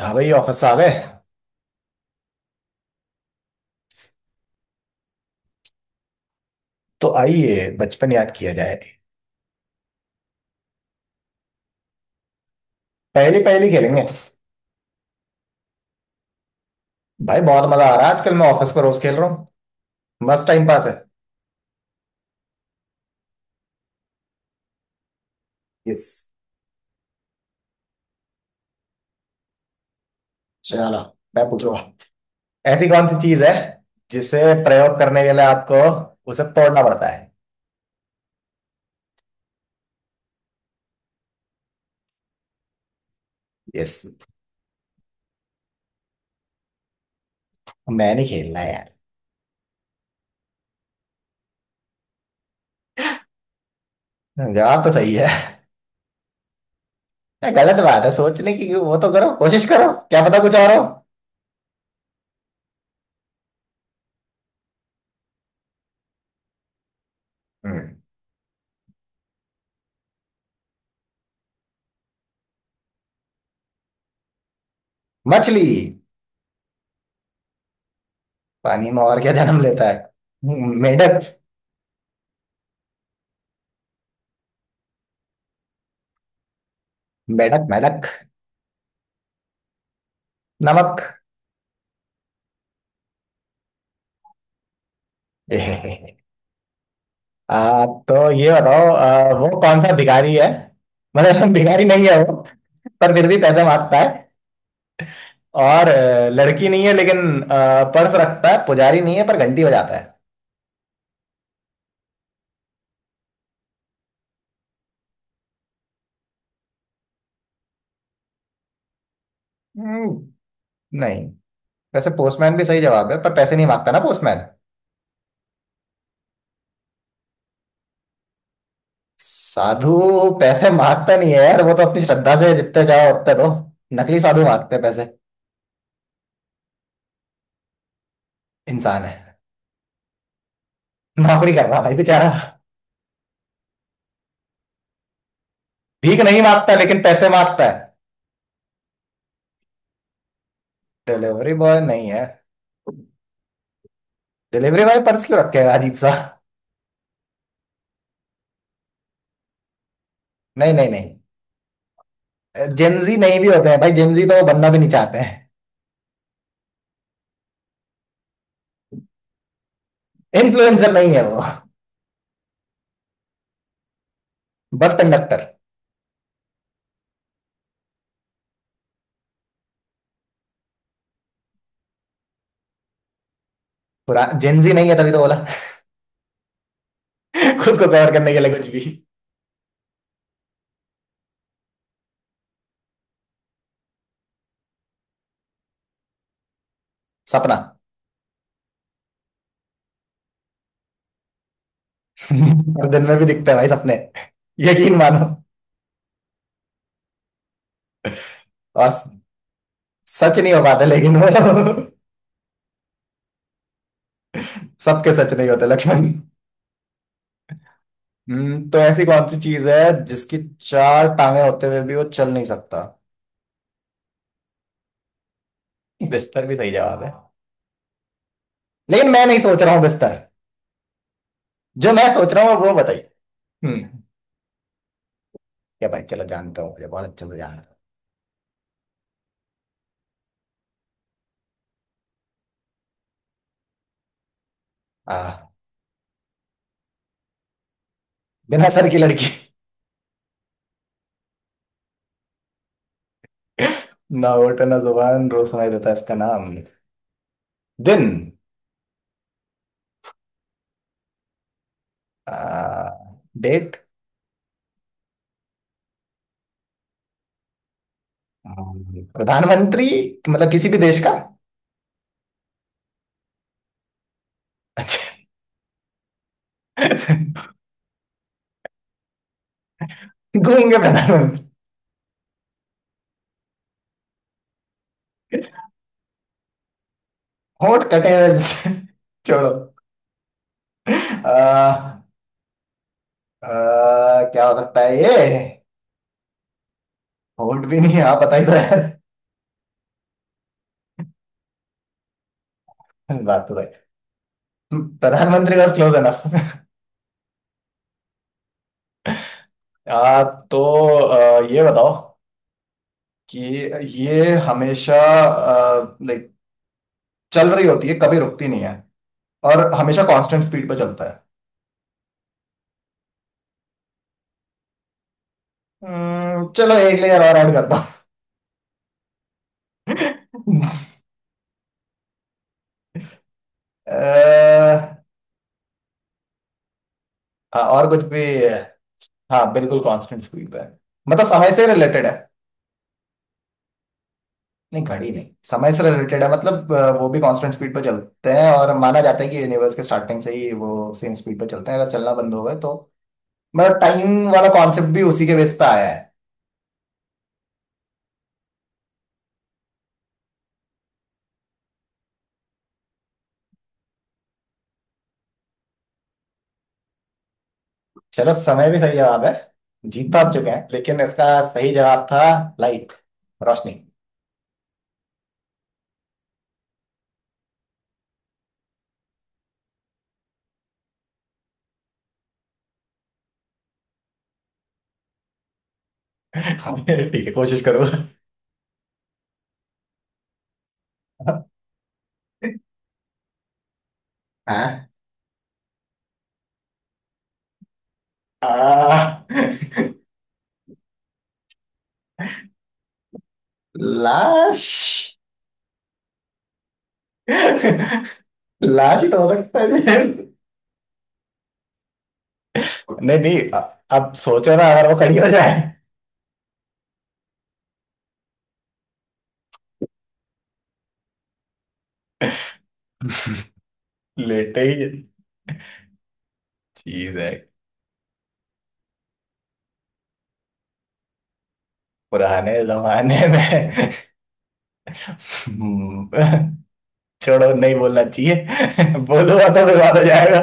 हाँ भाई, ऑफिस आ गए। तो आइए, बचपन याद किया जाए। पहली पहली खेलेंगे। भाई, बहुत मजा आ रहा है। आजकल मैं ऑफिस पर रोज खेल रहा हूँ। मस्त टाइम पास है। यस। चलो, मैं पूछूंगा। ऐसी कौन सी चीज है जिसे प्रयोग करने के लिए आपको उसे तोड़ना पड़ता है? यस। मैं नहीं खेलना है यार। जवाब तो सही है। नहीं, गलत बात है सोचने की। वो तो करो, कोशिश करो, क्या पता कुछ और हो। हम्म। मछली। पानी में और क्या जन्म लेता है? मेढक। मेढक मेढक। नमक। तो ये बताओ, वो कौन सा भिखारी है? मतलब भिखारी नहीं है वो। पर फिर भी पैसे मांगता है। और लड़की नहीं है लेकिन पर्स रखता है, पुजारी नहीं है पर घंटी बजाता है। हम्म। नहीं। वैसे पोस्टमैन भी सही जवाब है पर पैसे नहीं मांगता ना पोस्टमैन। साधु। पैसे मांगता नहीं है यार, वो तो अपनी श्रद्धा से जितने चाहो उतने दो। नकली साधु मांगते हैं पैसे। इंसान है। नौकरी कर रहा है भाई बेचारा। भीख नहीं मांगता लेकिन पैसे मांगता है। डिलीवरी बॉय नहीं है। डिलीवरी बॉय पर्स क्यों रखेगा, अजीब सा। नहीं नहीं नहीं। जेंजी नहीं भी होते हैं भाई, जेंजी तो वो बनना भी नहीं चाहते हैं। इन्फ्लुएंसर नहीं है वो। Bus conductor. पूरा जेंजी नहीं है तभी तो बोला। खुद को कवर करने के लिए कुछ भी। सपना। और दिन में भी दिखते हैं भाई सपने। यकीन मानो। और सच नहीं हो पाते लेकिन वो। सबके सच नहीं होते लक्ष्मण। तो ऐसी कौन सी चीज है जिसकी चार टांगे होते हुए भी वो चल नहीं सकता? बिस्तर भी सही जवाब है लेकिन मैं नहीं सोच रहा हूँ बिस्तर। जो मैं सोच रहा हूँ वो बताइए। हम्म। क्या भाई, चलो जानता हूँ, मुझे बहुत अच्छे से जानता हूँ। आ बिना सर की लड़की। ना होठ ना जुबान, रोज सुनाई देता है इसका नाम। दिन। आ, डेट। प्रधानमंत्री। मतलब किसी भी देश का। अच्छा। घूम गए प्रधानमंत्री। होठ कटे हुए से- छोड़ो। आ, आ, क्या हो सकता है ये? होठ भी नहीं, आप बताइए तो यार। बात तो सही। प्रधानमंत्री का क्लोज है ना। तो ये बताओ कि ये हमेशा, लाइक, चल रही होती है, कभी रुकती नहीं है और हमेशा कांस्टेंट स्पीड पे चलता है। चलो एक लेयर और ऐड करता हूँ। अ, हाँ, और कुछ भी। हाँ, बिल्कुल कांस्टेंट स्पीड पे है। मतलब समय से रिलेटेड है। नहीं घड़ी नहीं, समय से रिलेटेड है मतलब वो भी कांस्टेंट स्पीड पे चलते हैं और माना जाता है कि यूनिवर्स के स्टार्टिंग से ही वो सेम स्पीड पे चलते हैं, अगर चलना बंद हो गए तो मतलब टाइम वाला कॉन्सेप्ट भी उसी के बेस पे आया है। चलो, समय भी सही जवाब है। जीत तो आप चुके हैं लेकिन इसका सही जवाब था लाइट, रोशनी। ठीक है, कोशिश करूंगा। हाँ। आ, लाश। लाश ही तो हो सकता है। नहीं नहीं अब सोचो ना, अगर वो खड़ी हो जाए। लेटे ही चीज है। पुराने जमाने में। हम्म। छोड़ो, नहीं बोलना चाहिए, बोलूंगा तो बर्बाद हो जाएगा।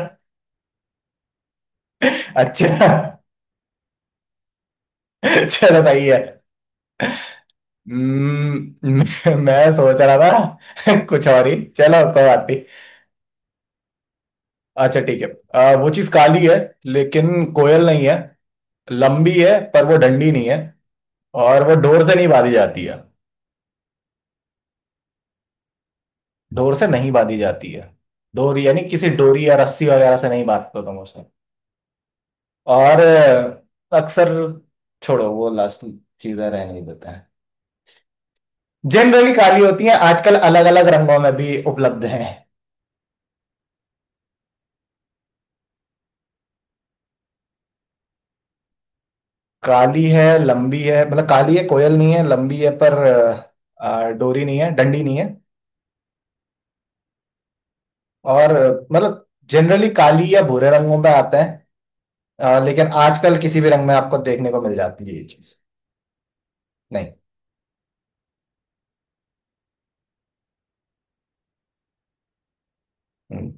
अच्छा। चलो, सही है। हम्म। मैं सोच रहा था। कुछ और ही, चलो कोई बात नहीं। अच्छा ठीक है। वो चीज काली है लेकिन कोयल नहीं है। लंबी है पर वो डंडी नहीं है। और वो डोर से नहीं बांधी जाती है। डोर से नहीं बांधी जाती है। डोर यानी किसी डोरी या रस्सी वगैरह से नहीं बांधते तुम उसे। और अक्सर, छोड़ो वो लास्ट चीजें रहने देते हैं। जनरली काली होती हैं, आजकल अलग अलग रंगों में भी उपलब्ध हैं। काली है, लंबी है, मतलब काली है, कोयल नहीं है, लंबी है पर डोरी नहीं है, डंडी नहीं है। और मतलब जनरली काली या भूरे रंगों में आते हैं। लेकिन आजकल किसी भी रंग में आपको देखने को मिल जाती है ये चीज। नहीं। हम्म।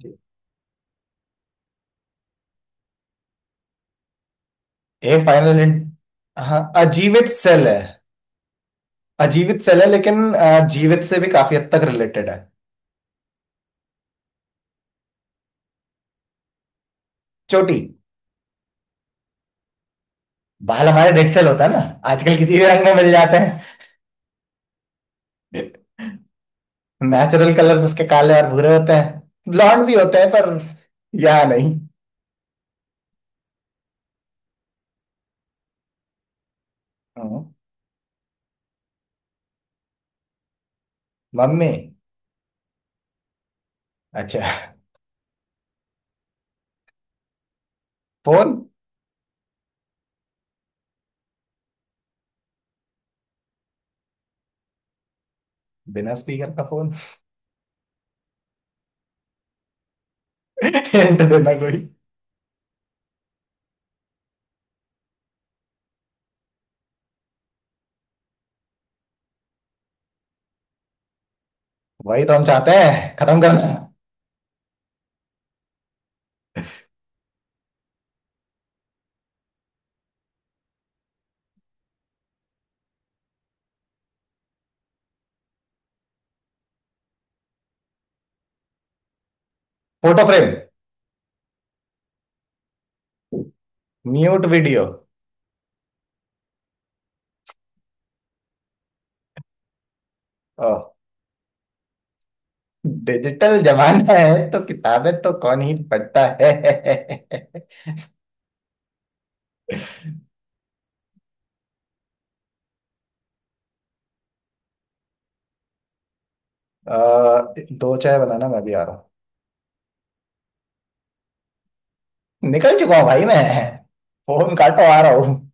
जी। एक फाइनल हिंट। हाँ, अजीवित सेल है। अजीवित सेल है लेकिन जीवित से भी काफी हद तक रिलेटेड है। चोटी। बाल हमारे डेड सेल होता है ना। आजकल किसी भी रंग में मिल जाते हैं। नेचुरल कलर्स उसके काले और भूरे होते हैं, ब्लॉन्ड भी होते हैं पर यहाँ नहीं। हाँ। मम्मी। अच्छा। फोन। बिना स्पीकर का फोन? हिंट देना कोई। वही तो हम चाहते हैं खत्म करना। Photo frame. Mute video. ओ। डिजिटल जमाना है तो किताबें तो कौन ही पढ़ता है। अ, दो चाय बनाना, मैं भी आ रहा हूँ। निकल चुका हूँ भाई मैं। फोन काटो, आ रहा हूँ।